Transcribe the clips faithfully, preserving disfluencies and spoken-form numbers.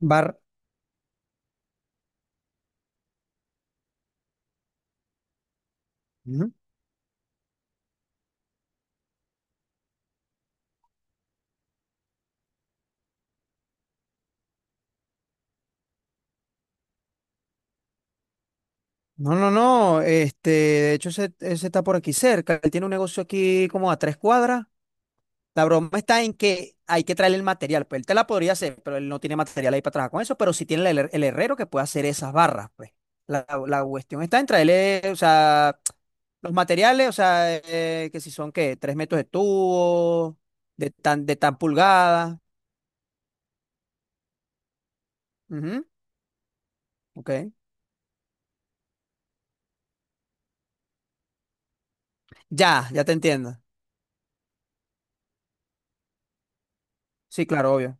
Bar. Ujú. No, no, no. Este, de hecho, ese, ese está por aquí cerca. Él tiene un negocio aquí como a tres cuadras. La broma está en que hay que traerle el material. Pues él te la podría hacer, pero él no tiene material ahí para trabajar con eso. Pero sí tiene el, her- el herrero que puede hacer esas barras, pues. La, la cuestión está en traerle, o sea, los materiales, o sea, eh, que si son, ¿qué? Tres metros de tubo, de tan, de tan pulgada. Ujú. Ok. Ya, ya te entiendo. Sí, claro, obvio.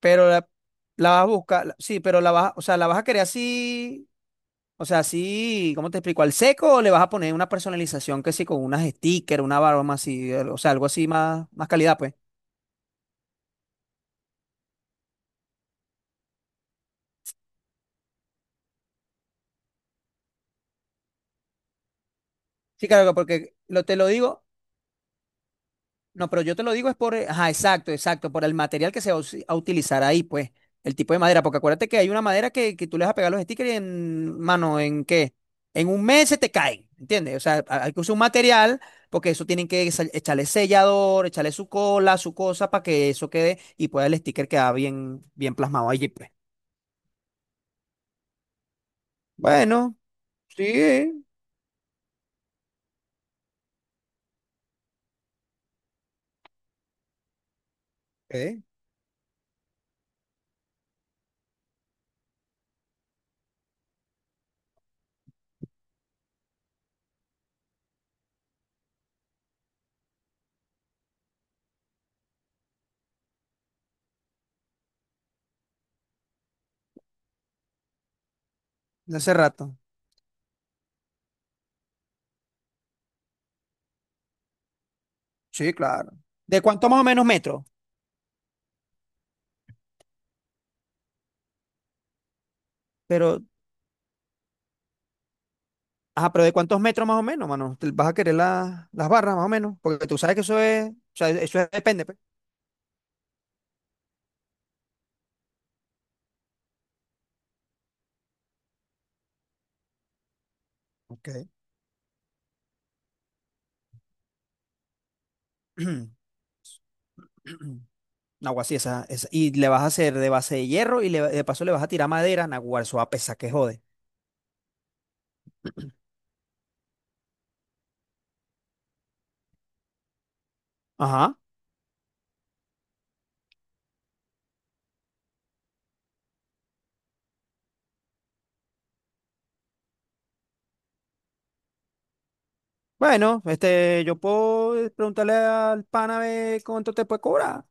Pero la, la vas a buscar, la- sí, pero la vas, a- o sea, la vas a querer así, o sea, así, ¿cómo te explico? ¿Al seco o le vas a poner una personalización que sí, con unas stickers, una barba más así, o sea, algo así más, más calidad, pues? Sí, claro, porque lo, te lo digo. No, pero yo te lo digo es por, eh, ajá, exacto, exacto, por el material que se va a usi- a utilizar ahí, pues, el tipo de madera, porque acuérdate que hay una madera que, que tú le vas a pegar los stickers y en, mano, ¿en qué? En un mes se te caen, ¿entiendes? O sea, ha- hay que usar un material, porque eso tienen que sa- echarle sellador, echarle su cola, su cosa, para que eso quede y pueda el sticker quedar bien, bien plasmado allí, pues. Bueno, sí, ok, de hace rato. Sí, claro. ¿De cuánto más o menos metro? Pero ajá, pero ¿de cuántos metros más o menos, mano? ¿Te ¿Vas a querer la- las barras más o menos? Porque tú sabes que eso es, o sea, eso es- depende, pues. Ok. Naguará, sí, esa, esa- Y le vas a hacer de base de hierro y le- de paso le vas a tirar madera, naguará, eso va a pesar que jode. Ajá. Bueno, este, yo puedo preguntarle al pana a ver cuánto te puede cobrar.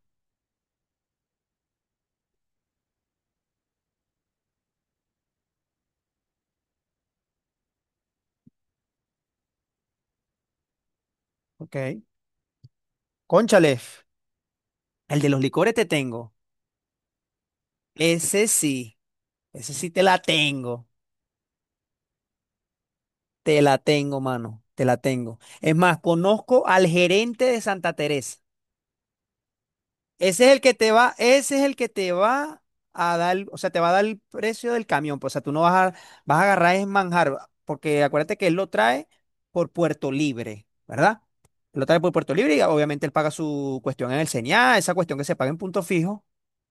Ok. Cónchale, el de los licores te tengo. Ese sí, ese sí te la tengo. Te la tengo, mano, te la tengo. Es más, conozco al gerente de Santa Teresa. Ese es el que te va, ese es el que te va a dar, o sea, te va a dar el precio del camión. Pues, o sea, tú no vas a, vas a agarrar es manjar, porque acuérdate que él lo trae por Puerto Libre, ¿verdad? Lo trae por Puerto Libre y obviamente él paga su cuestión en el señal, esa cuestión que se paga en punto fijo,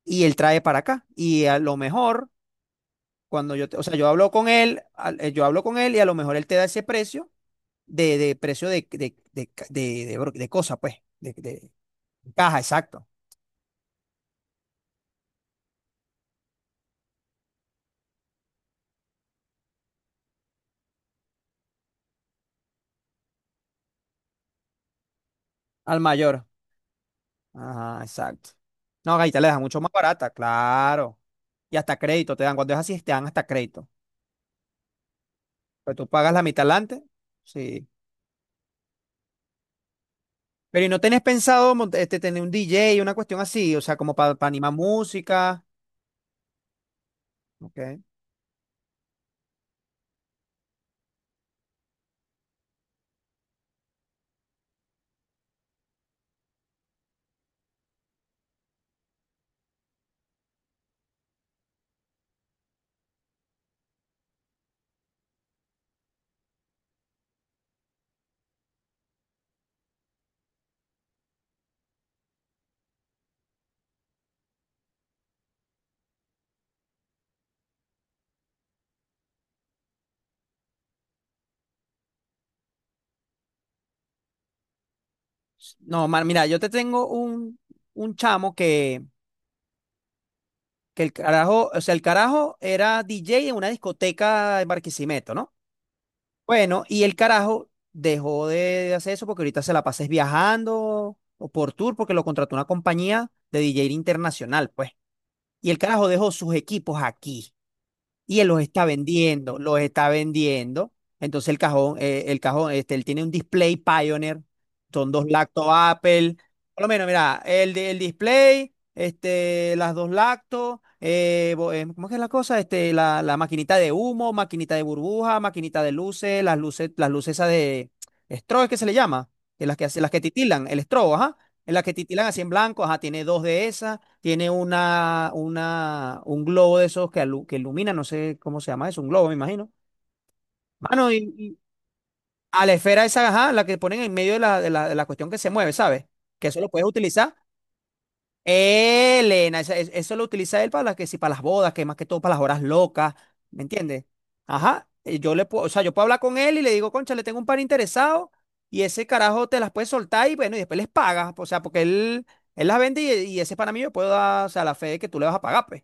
y él trae para acá. Y a lo mejor, cuando yo, te- o sea, yo hablo con él, al- eh, yo hablo con él y a lo mejor él te da ese precio de, de precio de, de, de, de, de bro- de cosa, pues, de, de- de caja, exacto, al mayor. Ajá, exacto. No, ahí te la dejan mucho más barata, claro. Y hasta crédito te dan, cuando es así, te dan hasta crédito. Pero tú pagas la mitad adelante, sí. Pero ¿y no tenés pensado mont- este, tener un D J, una cuestión así? O sea, como para animar música. Ok. No, man, mira, yo te tengo un, un chamo que, que el carajo, o sea, el carajo era D J en una discoteca en Barquisimeto, ¿no? Bueno, y el carajo dejó de hacer eso porque ahorita se la pases viajando o por tour porque lo contrató una compañía de D J internacional, pues. Y el carajo dejó sus equipos aquí y él los está vendiendo, los está vendiendo. Entonces el cajón, eh, el cajón, este, él tiene un display Pioneer, son dos lactos Apple, por lo menos, mira, el, de- el display, este, las dos lactos, eh, bo- eh, ¿cómo es que es la cosa? Este, la, la maquinita de humo, maquinita de burbuja, maquinita de luces, las luces, las luces esas de strobo, es que se le llama, que las que, hace- las que titilan, el strobo, ajá, en las que titilan así en blanco, ajá, tiene dos de esas, tiene una, una, un globo de esos que, alu- que ilumina, no sé cómo se llama eso, un globo, me imagino. Mano, y, y a la esfera esa, ajá, la que ponen en medio de la, de la, de la cuestión que se mueve, ¿sabes? Que eso lo puedes utilizar. Elena, esa- es- eso lo utiliza él para las que sí, para las bodas, que más que todo para las horas locas, ¿me entiendes? Ajá, y yo le puedo, o sea, yo puedo hablar con él y le digo, concha, le tengo un par interesado y ese carajo te las puede soltar y bueno, y después les pagas, o sea, porque él, él las vende y, y ese para mí yo puedo dar, o sea, la fe de que tú le vas a pagar, pues.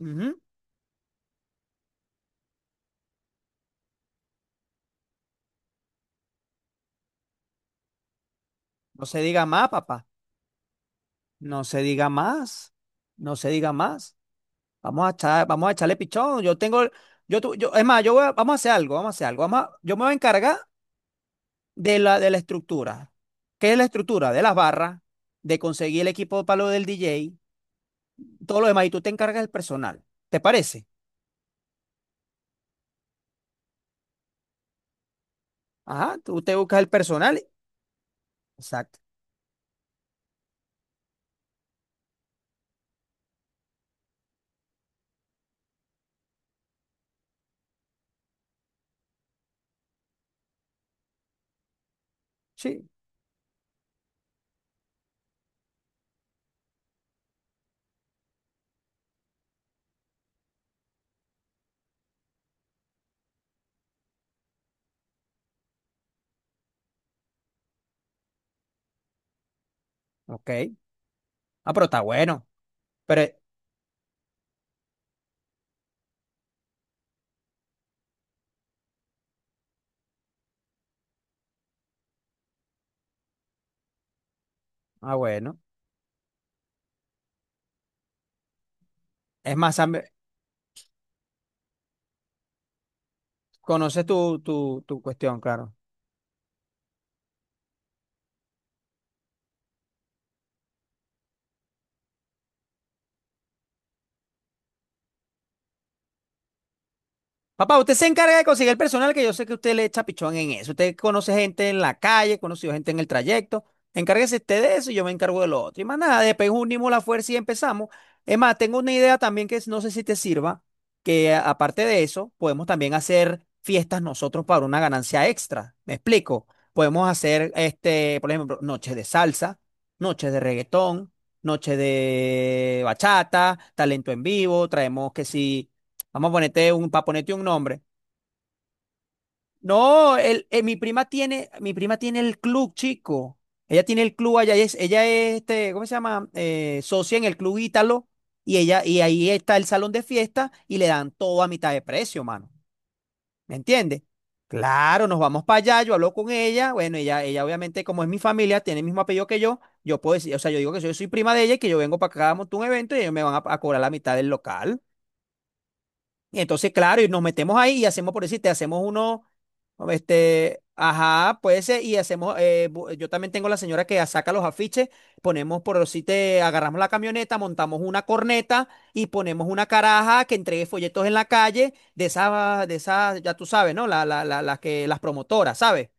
Ujú. No se diga más, papá. No se diga más. No se diga más. Vamos a echar, vamos a echarle pichón. Yo tengo, yo, tu- yo, es más, yo voy a- vamos a hacer algo, vamos a hacer algo. Vamos a- yo me voy a encargar de la, de la estructura. ¿Qué es la estructura? De las barras, de conseguir el equipo para lo del D J, todo lo demás. Y tú te encargas del personal. ¿Te parece? Ajá, tú te buscas el personal. Exacto. Sí, ok. Ah, pero está bueno. Pero, ah, bueno. Es más, Sammy, conoces tu, tu, tu cuestión, claro. Papá, usted se encarga de conseguir el personal que yo sé que usted le echa pichón en eso. Usted conoce gente en la calle, conoció gente en el trayecto. Encárguese usted de eso y yo me encargo de lo otro. Y más nada, después unimos la fuerza y empezamos. Es más, tengo una idea también que es- no sé si te sirva, que a- aparte de eso, podemos también hacer fiestas nosotros para una ganancia extra. ¿Me explico? Podemos hacer, este, por ejemplo, noches de salsa, noches de reggaetón, noches de bachata, talento en vivo, traemos que sí. Vamos a ponerte un, para ponerte un nombre. No, el, eh, mi prima tiene, mi prima tiene el club, chico. Ella tiene el club allá, ella es, ella es este, ¿cómo se llama? Eh, socia en el club Ítalo, y ella, y ahí está el salón de fiesta, y le dan todo a mitad de precio, mano. ¿Me entiendes? Claro, nos vamos para allá, yo hablo con ella, bueno, ella, ella obviamente, como es mi familia, tiene el mismo apellido que yo, yo puedo decir, o sea, yo digo que yo soy prima de ella y que yo vengo para acá, monto un evento y ellos me van a, a cobrar la mitad del local. Y entonces, claro, y nos metemos ahí y hacemos, por decirte, hacemos uno, este, ajá, puede ser, y hacemos, eh, bu- yo también tengo la señora que saca los afiches, ponemos, por decirte, agarramos la camioneta, montamos una corneta y ponemos una caraja que entregue folletos en la calle de esas, de esas, ya tú sabes, ¿no? La, la, la, las que, las promotoras, ¿sabes?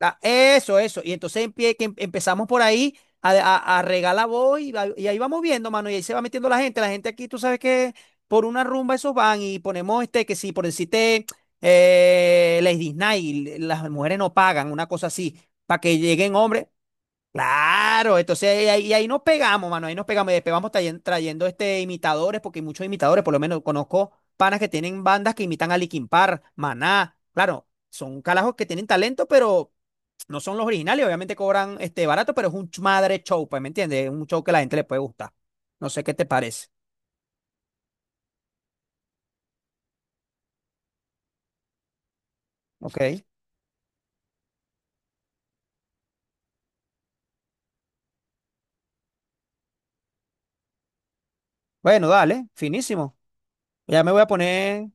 Ah, eso, eso. Y entonces empie- que em- empezamos por ahí a, a, a regalar voz y, va- y ahí vamos viendo, mano. Y ahí se va metiendo la gente. La gente aquí, tú sabes que por una rumba esos van y ponemos este, que sí, por decirte, eh, Lady Night, las mujeres no pagan, una cosa así, para que lleguen hombres. Claro, entonces ahí, ahí ahí nos pegamos, mano. Ahí nos pegamos y despegamos trayendo, trayendo este, imitadores, porque hay muchos imitadores, por lo menos conozco panas que tienen bandas que imitan a Linkin Park, Maná. Claro, son carajos que tienen talento, pero. No son los originales, obviamente cobran este barato, pero es un ch- madre show, pues, ¿me entiendes? Es un show que a la gente le puede gustar. No sé qué te parece. Ok. Bueno, dale, finísimo. Ya me voy a poner.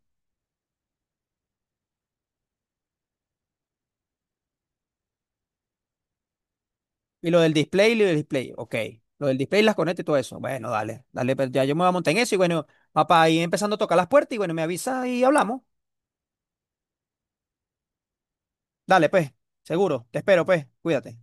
Y lo del display, y lo del display. Ok. Lo del display, las conectas y todo eso. Bueno, dale, dale, pues, ya yo me voy a montar en eso. Y bueno, papá, ahí empezando a tocar las puertas. Y bueno, me avisa y hablamos. Dale, pues, seguro. Te espero, pues. Cuídate.